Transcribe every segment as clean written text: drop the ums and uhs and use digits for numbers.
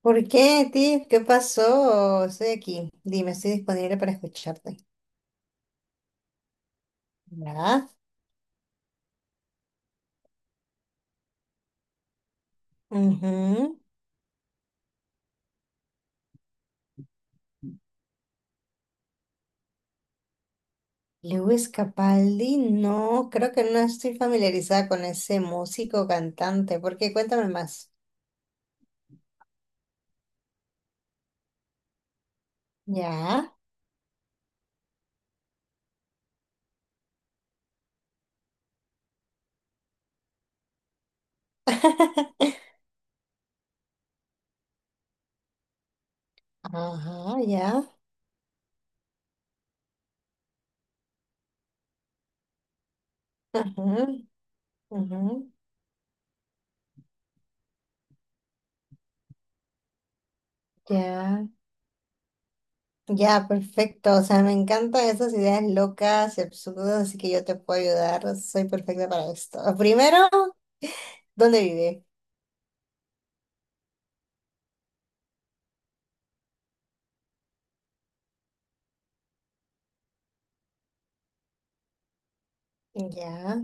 ¿Por qué, Tiff? ¿Qué pasó? Estoy aquí. Dime, estoy disponible para escucharte. ¿Verdad? Ujú. Lewis Capaldi, no, creo que no estoy familiarizada con ese músico cantante. ¿Por qué? Cuéntame más. ¿Ya? Ajá, ya. Ajá, ajá, ya. Ya, perfecto. O sea, me encantan esas ideas locas y absurdas, así que yo te puedo ayudar. Soy perfecta para esto. Primero, ¿dónde vive? Ya.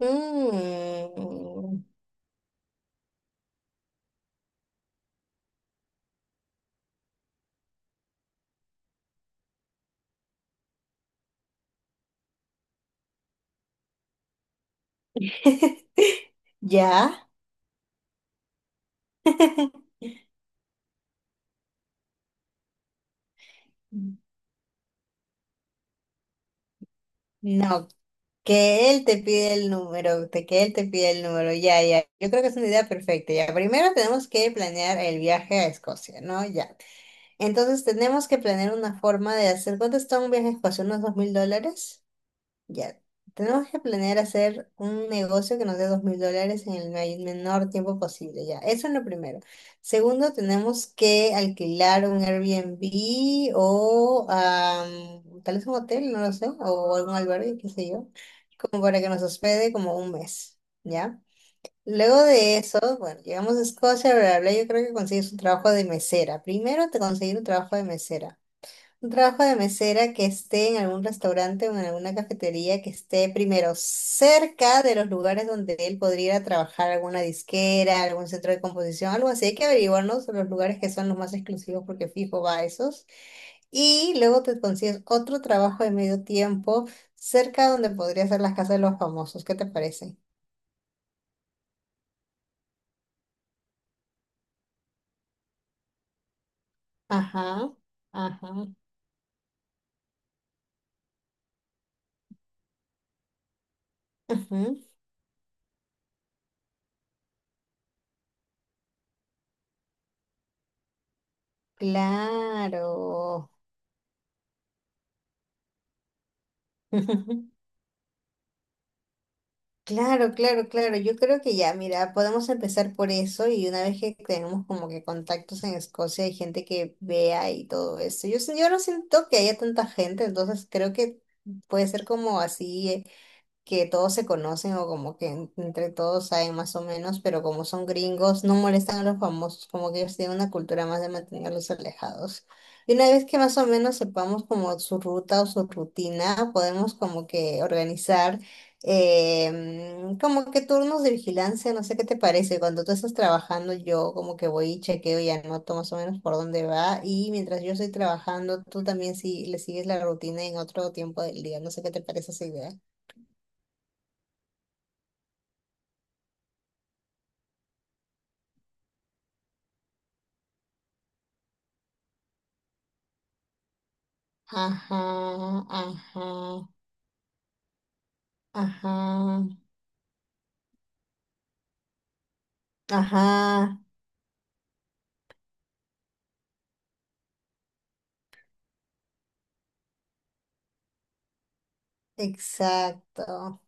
Mm, ya. No, que él te pide el número, ya, ya. Yo creo que es una idea perfecta, ya. Primero tenemos que planear el viaje a Escocia, ¿no? Ya. Entonces tenemos que planear una forma de hacer, ¿cuánto está un viaje a Escocia? ¿Unos $2,000? Ya, tenemos que planear hacer un negocio que nos dé $2,000 en el menor tiempo posible, ya. Eso es lo primero. Segundo, tenemos que alquilar un Airbnb o tal vez un hotel, no lo sé, o algún albergue, qué sé yo, como para que nos hospede como un mes, ¿ya? Luego de eso, bueno, llegamos a Escocia, bla, bla, bla, yo creo que consigues un trabajo de mesera. Primero te conseguir un trabajo de mesera. Un trabajo de mesera que esté en algún restaurante o en alguna cafetería que esté primero cerca de los lugares donde él podría ir a trabajar, alguna disquera, algún centro de composición, algo así. Hay que averiguarnos los lugares que son los más exclusivos porque fijo va a esos. Y luego te consigues otro trabajo de medio tiempo cerca donde podría ser las casas de los famosos. ¿Qué te parece? Ajá, ajá, ujú, claro. Claro, claro, claro. Yo creo que ya, mira, podemos empezar por eso y una vez que tenemos como que contactos en Escocia, hay gente que vea y todo eso. Yo no siento que haya tanta gente, entonces creo que puede ser como así. Que todos se conocen o como que entre todos saben más o menos, pero como son gringos, no molestan a los famosos, como que ellos tienen una cultura más de mantenerlos alejados. Y una vez que más o menos sepamos como su ruta o su rutina, podemos como que organizar como que turnos de vigilancia, no sé qué te parece. Cuando tú estás trabajando, yo como que voy y chequeo y anoto más o menos por dónde va. Y mientras yo estoy trabajando, tú también si le sigues la rutina en otro tiempo del día. No sé qué te parece esa idea. Ajá, ajá, ajá, ajá, exacto.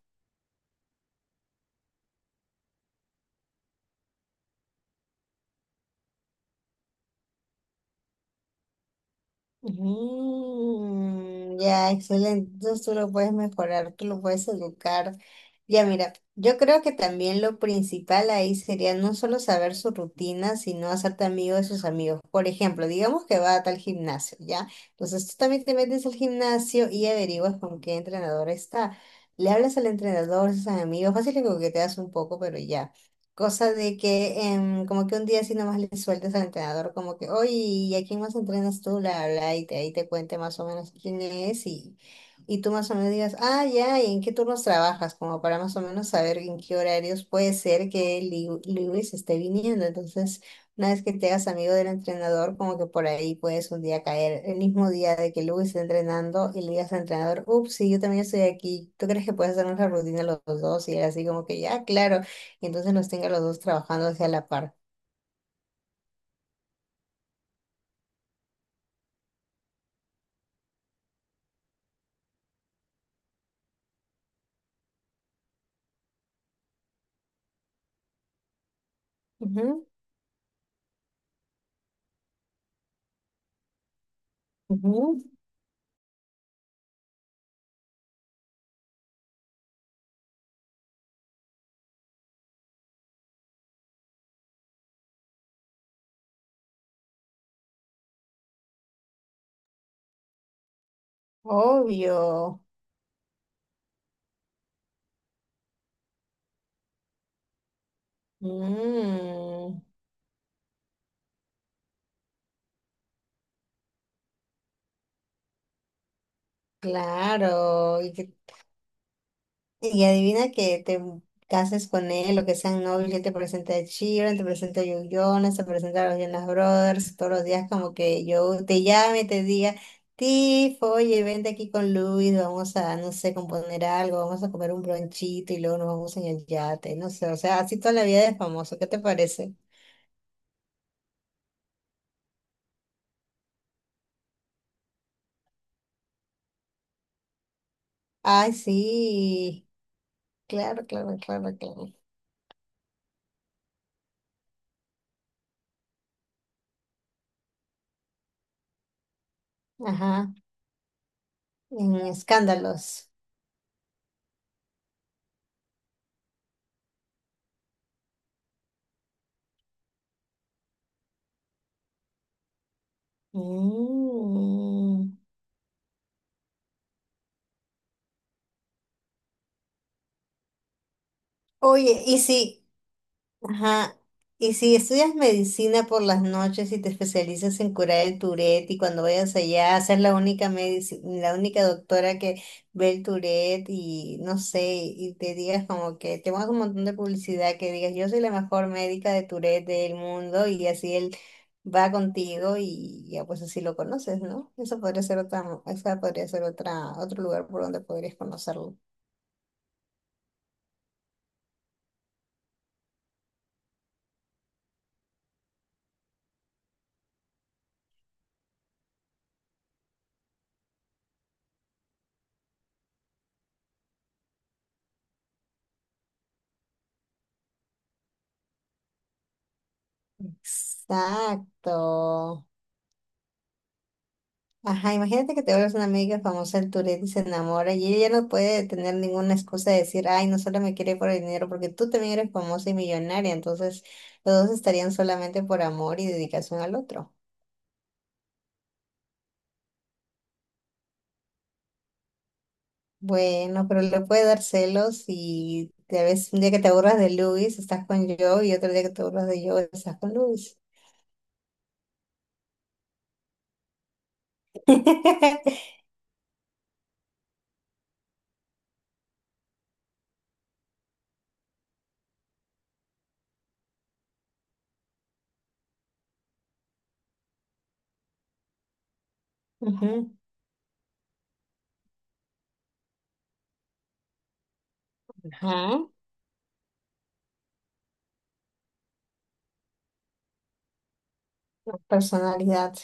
Mm, ya, excelente. Entonces tú lo puedes mejorar, tú lo puedes educar. Ya mira, yo creo que también lo principal ahí sería no solo saber su rutina, sino hacerte amigo de sus amigos. Por ejemplo, digamos que va a tal gimnasio, ¿ya? Entonces tú también te metes al gimnasio y averiguas con qué entrenador está. Le hablas al entrenador, a sus amigos, fácil que coqueteas un poco, pero ya. Cosa de que como que un día así nomás le sueltas al entrenador como que, oye, ¿y a quién más entrenas tú? La, bla, bla", y te, ahí te cuente más o menos quién es y tú más o menos digas, ah, ya, ¿y en qué turnos trabajas? Como para más o menos saber en qué horarios puede ser que Lewis esté viniendo. Entonces, una vez que te hagas amigo del entrenador, como que por ahí puedes un día caer, el mismo día de que Lewis esté entrenando y le digas al entrenador, ups, sí, yo también estoy aquí, ¿tú crees que puedes hacer una rutina los dos? Y él así como que, ya, claro, y entonces los tenga los dos trabajando hacia la par. Ujú, ujú, obvio. Mm, claro. ¿Y qué? Y adivina que te cases con él o que sean novios, él te presenta a Chiron, te presenta a Joe Jonas, te presenta a los Jonas Brothers, todos los días como que yo te llame, te diga, Tifo, oye, vente aquí con Luis, vamos a, no sé, componer algo, vamos a comer un bronchito y luego nos vamos en el yate, no sé, o sea, así toda la vida de famoso, ¿qué te parece? Ay, sí, claro, claro, claro, claro. Ajá, en escándalos. Mm. Oye, y si, ajá. Y si estudias medicina por las noches y te especializas en curar el Tourette y cuando vayas allá, ser la única la única doctora que ve el Tourette y no sé, y te digas como que te pongas un montón de publicidad que digas yo soy la mejor médica de Tourette del mundo y así él va contigo y ya pues así lo conoces, ¿no? Eso podría ser otra, esa podría ser otra, otro lugar por donde podrías conocerlo. Exacto. Ajá, imagínate que te vuelves una amiga famosa del Tourette y se enamora y ella ya no puede tener ninguna excusa de decir, ay, no solo me quiere por el dinero, porque tú también eres famosa y millonaria, entonces los dos estarían solamente por amor y dedicación al otro. Bueno, pero le puede dar celos y tal vez un día que te aburras de Luis estás con yo y otro día que te aburras de yo estás con Luis. Ujú. Ajá, personalidad.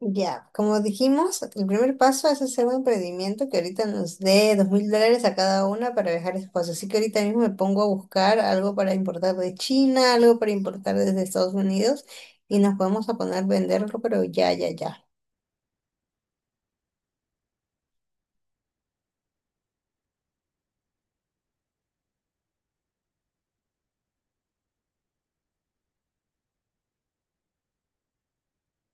Ya, como dijimos, el primer paso es hacer un emprendimiento que ahorita nos dé dos mil dólares a cada una para viajar esposo. Así que ahorita mismo me pongo a buscar algo para importar de China, algo para importar desde Estados Unidos y nos podemos a poner a venderlo, pero ya, ya, ya.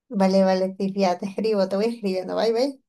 Vale, vale, Tiff, ya te escribo, te voy escribiendo. Bye, bye.